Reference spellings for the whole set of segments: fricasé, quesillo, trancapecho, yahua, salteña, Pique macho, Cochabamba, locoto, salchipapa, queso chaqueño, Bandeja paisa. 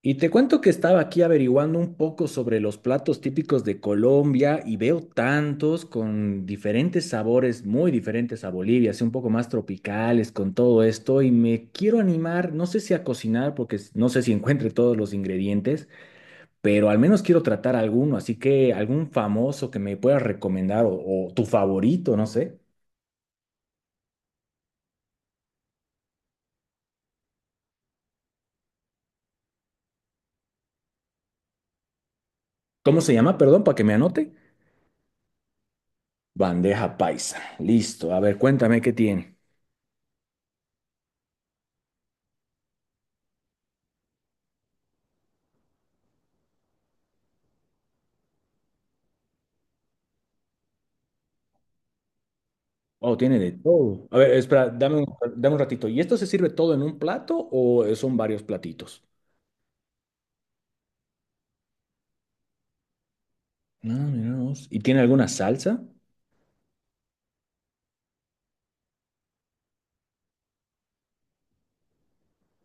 Y te cuento que estaba aquí averiguando un poco sobre los platos típicos de Colombia y veo tantos con diferentes sabores, muy diferentes a Bolivia, así un poco más tropicales con todo esto y me quiero animar, no sé si a cocinar porque no sé si encuentre todos los ingredientes, pero al menos quiero tratar alguno, así que algún famoso que me puedas recomendar o tu favorito, no sé. ¿Cómo se llama? Perdón, para que me anote. Bandeja paisa. Listo. A ver, cuéntame qué tiene. Oh, tiene de todo. A ver, espera, dame un ratito. ¿Y esto se sirve todo en un plato o son varios platitos? Ah, mira vos. ¿Y tiene alguna salsa?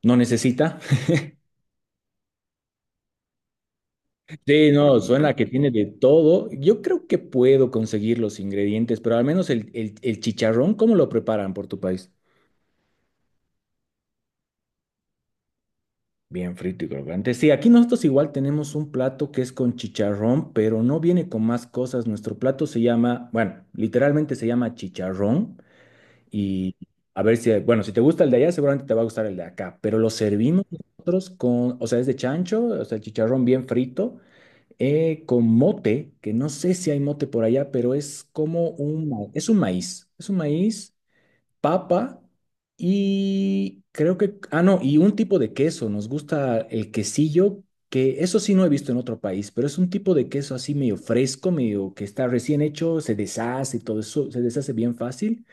¿No necesita? Sí, no, suena que tiene de todo. Yo creo que puedo conseguir los ingredientes, pero al menos el chicharrón, ¿cómo lo preparan por tu país? Bien frito y crocante. Sí, aquí nosotros igual tenemos un plato que es con chicharrón, pero no viene con más cosas. Nuestro plato se llama, bueno, literalmente se llama chicharrón. Y a ver si, bueno, si te gusta el de allá, seguramente te va a gustar el de acá, pero lo servimos nosotros con, o sea, es de chancho, o sea, chicharrón bien frito, con mote, que no sé si hay mote por allá, pero es como un, es un maíz, papa y creo que, ah, no, y un tipo de queso, nos gusta el quesillo, que eso sí no he visto en otro país, pero es un tipo de queso así medio fresco, medio que está recién hecho, se deshace y todo eso, se deshace bien fácil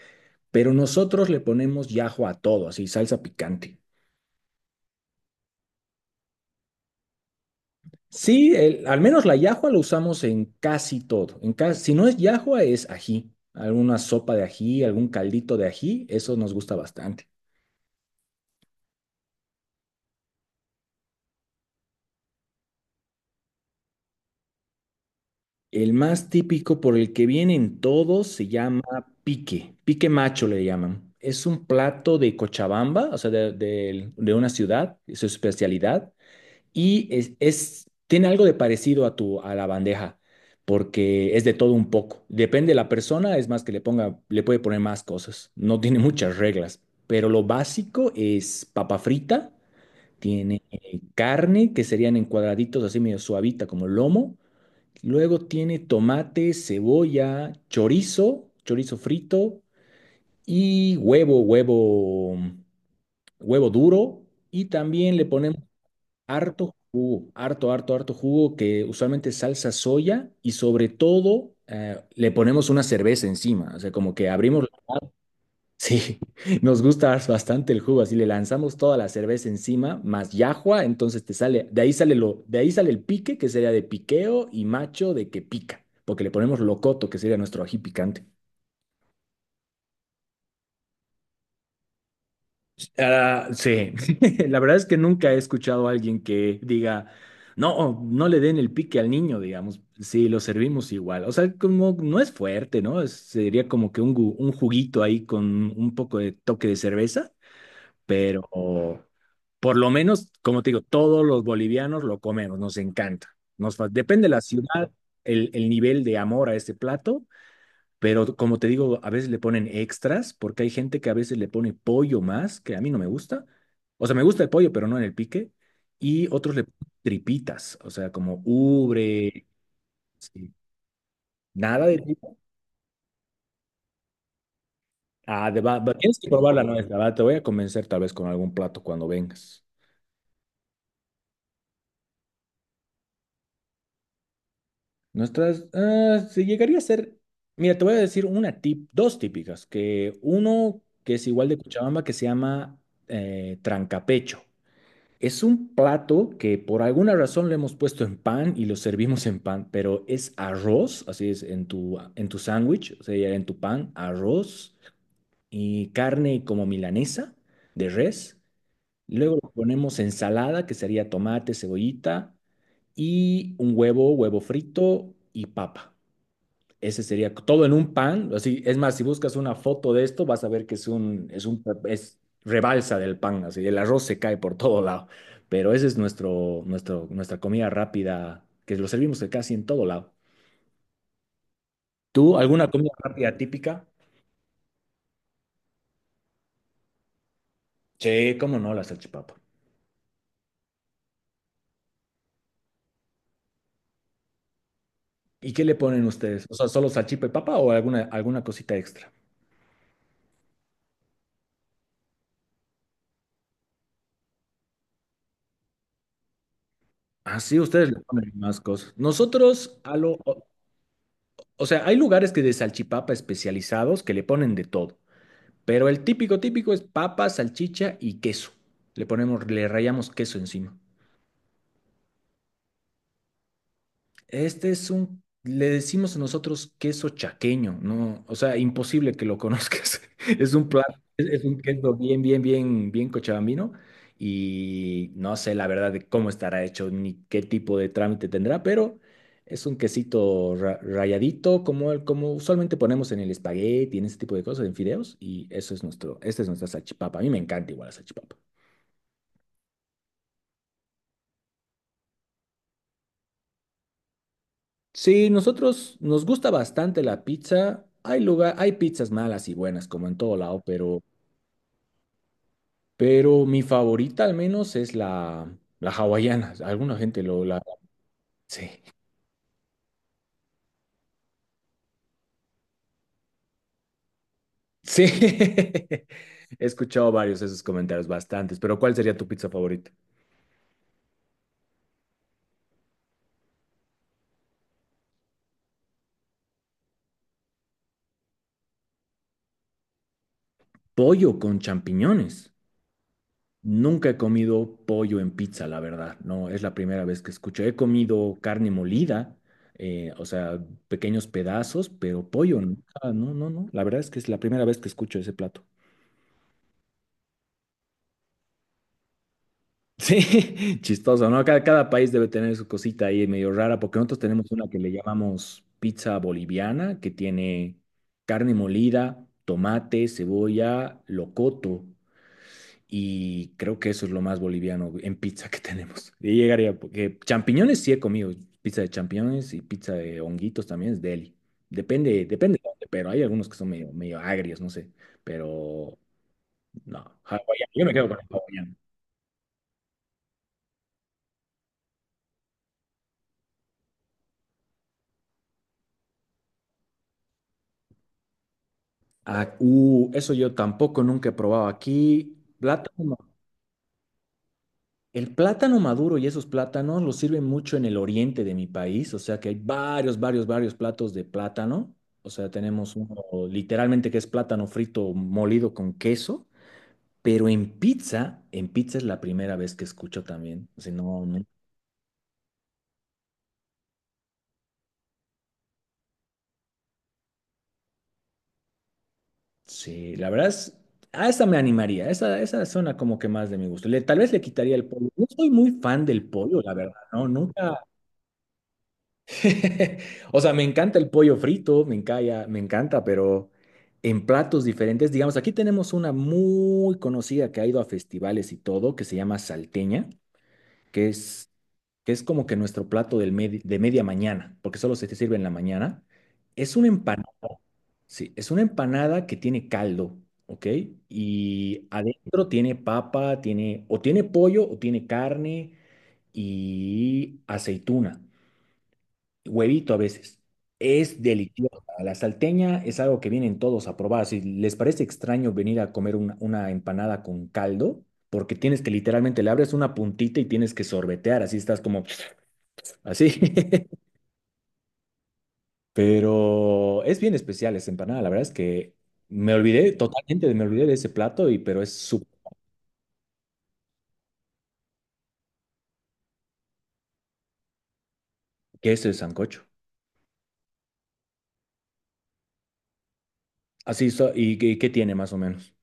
pero nosotros le ponemos yahua a todo, así, salsa picante. Sí, al menos la yahua lo usamos en casi todo. En si no es yahua, es ají. Alguna sopa de ají, algún caldito de ají, eso nos gusta bastante. El más típico por el que vienen todos se llama pique. Pique macho le llaman. Es un plato de Cochabamba, o sea, de una ciudad, es su especialidad. Y tiene algo de parecido a tu, a la bandeja, porque es de todo un poco. Depende de la persona, es más que le ponga, le puede poner más cosas. No tiene muchas reglas, pero lo básico es papa frita, tiene carne, que serían en cuadraditos así medio suavita como lomo. Luego tiene tomate, cebolla, chorizo, chorizo frito y huevo duro. Y también le ponemos harto jugo, harto jugo que usualmente es salsa soya y sobre todo le ponemos una cerveza encima, o sea, como que abrimos, sí, nos gusta bastante el jugo, así le lanzamos toda la cerveza encima, más yahua, entonces te sale, de ahí sale el pique, que sería de piqueo y macho de que pica, porque le ponemos locoto, que sería nuestro ají picante. Ah, sí, la verdad es que nunca he escuchado a alguien que diga, no, oh, no le den el pique al niño, digamos, sí, lo servimos igual. O sea, como no es fuerte, ¿no? Sería como que un, un juguito ahí con un poco de toque de cerveza, pero por lo menos, como te digo, todos los bolivianos lo comemos, nos encanta. Depende de la ciudad, el nivel de amor a este plato, pero como te digo, a veces le ponen extras porque hay gente que a veces le pone pollo más, que a mí no me gusta. O sea, me gusta el pollo, pero no en el pique. Y otros le ponen tripitas, o sea, como ubre, sí. Nada de tripa. Ah, tienes que probar la nuez, la verdad. Te voy a convencer tal vez con algún plato cuando vengas. Nuestras, ah, se llegaría a ser, mira, te voy a decir una tip, dos típicas, que uno que es igual de Cochabamba que se llama trancapecho. Es un plato que por alguna razón lo hemos puesto en pan y lo servimos en pan, pero es arroz, así es, en tu sándwich, o sea, en tu pan, arroz y carne como milanesa de res. Luego le ponemos ensalada, que sería tomate, cebollita y un huevo frito y papa. Ese sería todo en un pan. Así, es más, si buscas una foto de esto, vas a ver que es un, es rebalsa del pan, así, el arroz se cae por todo lado. Pero ese es nuestra comida rápida, que lo servimos de casi en todo lado. ¿Tú, alguna comida rápida típica? Sí, cómo no, la salchipapa. ¿Y qué le ponen ustedes? O sea, ¿solo salchipa y papa o alguna cosita extra? Así ustedes le ponen más cosas. Nosotros, o sea, hay lugares que de salchipapa especializados que le ponen de todo. Pero el típico, típico es papa, salchicha y queso. Le ponemos, le rayamos queso encima. Este es un, le decimos nosotros queso chaqueño, ¿no? O sea, imposible que lo conozcas. Es un plato, es un queso bien, bien cochabambino. Y no sé la verdad de cómo estará hecho ni qué tipo de trámite tendrá, pero es un quesito rayadito, como, el, como usualmente ponemos en el espagueti, en ese tipo de cosas, en fideos. Y eso es nuestro, esta es nuestra salchipapa. A mí me encanta igual la salchipapa. Sí, nosotros nos gusta bastante la pizza. Hay lugar, hay pizzas malas y buenas, como en todo lado, pero mi favorita al menos es la hawaiana. Alguna gente lo la. Sí. Sí. He escuchado varios de esos comentarios, bastantes. Pero ¿cuál sería tu pizza favorita? Pollo con champiñones. Nunca he comido pollo en pizza, la verdad, no, es la primera vez que escucho. He comido carne molida, o sea, pequeños pedazos, pero pollo, nunca, no, la verdad es que es la primera vez que escucho ese plato. Sí, chistoso, ¿no? Cada país debe tener su cosita ahí medio rara, porque nosotros tenemos una que le llamamos pizza boliviana, que tiene carne molida, tomate, cebolla, locoto. Y creo que eso es lo más boliviano en pizza que tenemos. Y llegaría, porque champiñones sí he comido, pizza de champiñones y pizza de honguitos también es deli. Depende, depende de dónde, pero hay algunos que son medio, medio agrios, no sé. Pero no, hawaiano. Yo me quedo con el hawaiano. Ah, eso yo tampoco nunca he probado aquí. Plátano. El plátano maduro y esos plátanos los sirven mucho en el oriente de mi país, o sea que hay varios platos de plátano. O sea, tenemos uno literalmente que es plátano frito molido con queso, pero en pizza es la primera vez que escucho también. O sea, no, no. Sí, la verdad es, a esa me animaría, esa suena como que más de mi gusto. Tal vez le quitaría el pollo. No soy muy fan del pollo, la verdad, ¿no? Nunca, O sea, me encanta el pollo frito, me encanta, pero en platos diferentes, digamos, aquí tenemos una muy conocida que ha ido a festivales y todo, que se llama salteña, que es, que es como que nuestro plato de media mañana, porque solo se te sirve en la mañana. Es una empanada, sí, es una empanada que tiene caldo, ¿ok? Y adentro tiene papa, tiene, o tiene pollo, o tiene carne y aceituna. Huevito a veces. Es deliciosa. La salteña es algo que vienen todos a probar. Si les parece extraño venir a comer una empanada con caldo, porque tienes que literalmente le abres una puntita y tienes que sorbetear, así estás como así. Pero es bien especial esa empanada. La verdad es que me olvidé totalmente, me olvidé de ese plato, y, pero es su queso de sancocho. Así, qué qué tiene más o menos?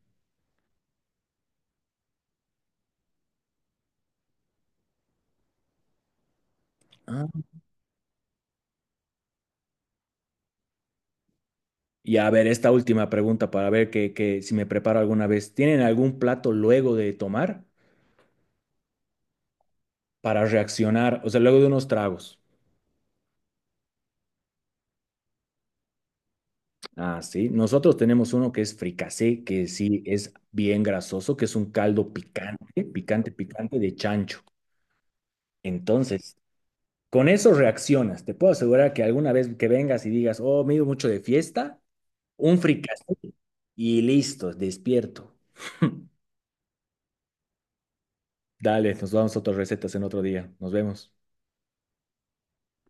Y a ver, esta última pregunta para ver que si me preparo alguna vez. ¿Tienen algún plato luego de tomar para reaccionar? O sea, luego de unos tragos. Ah, sí. Nosotros tenemos uno que es fricasé, que sí es bien grasoso, que es un caldo picante de chancho. Entonces, con eso reaccionas. Te puedo asegurar que alguna vez que vengas y digas, oh, me he ido mucho de fiesta, un fricasé y listo, despierto. Dale, nos damos otras recetas en otro día. Nos vemos.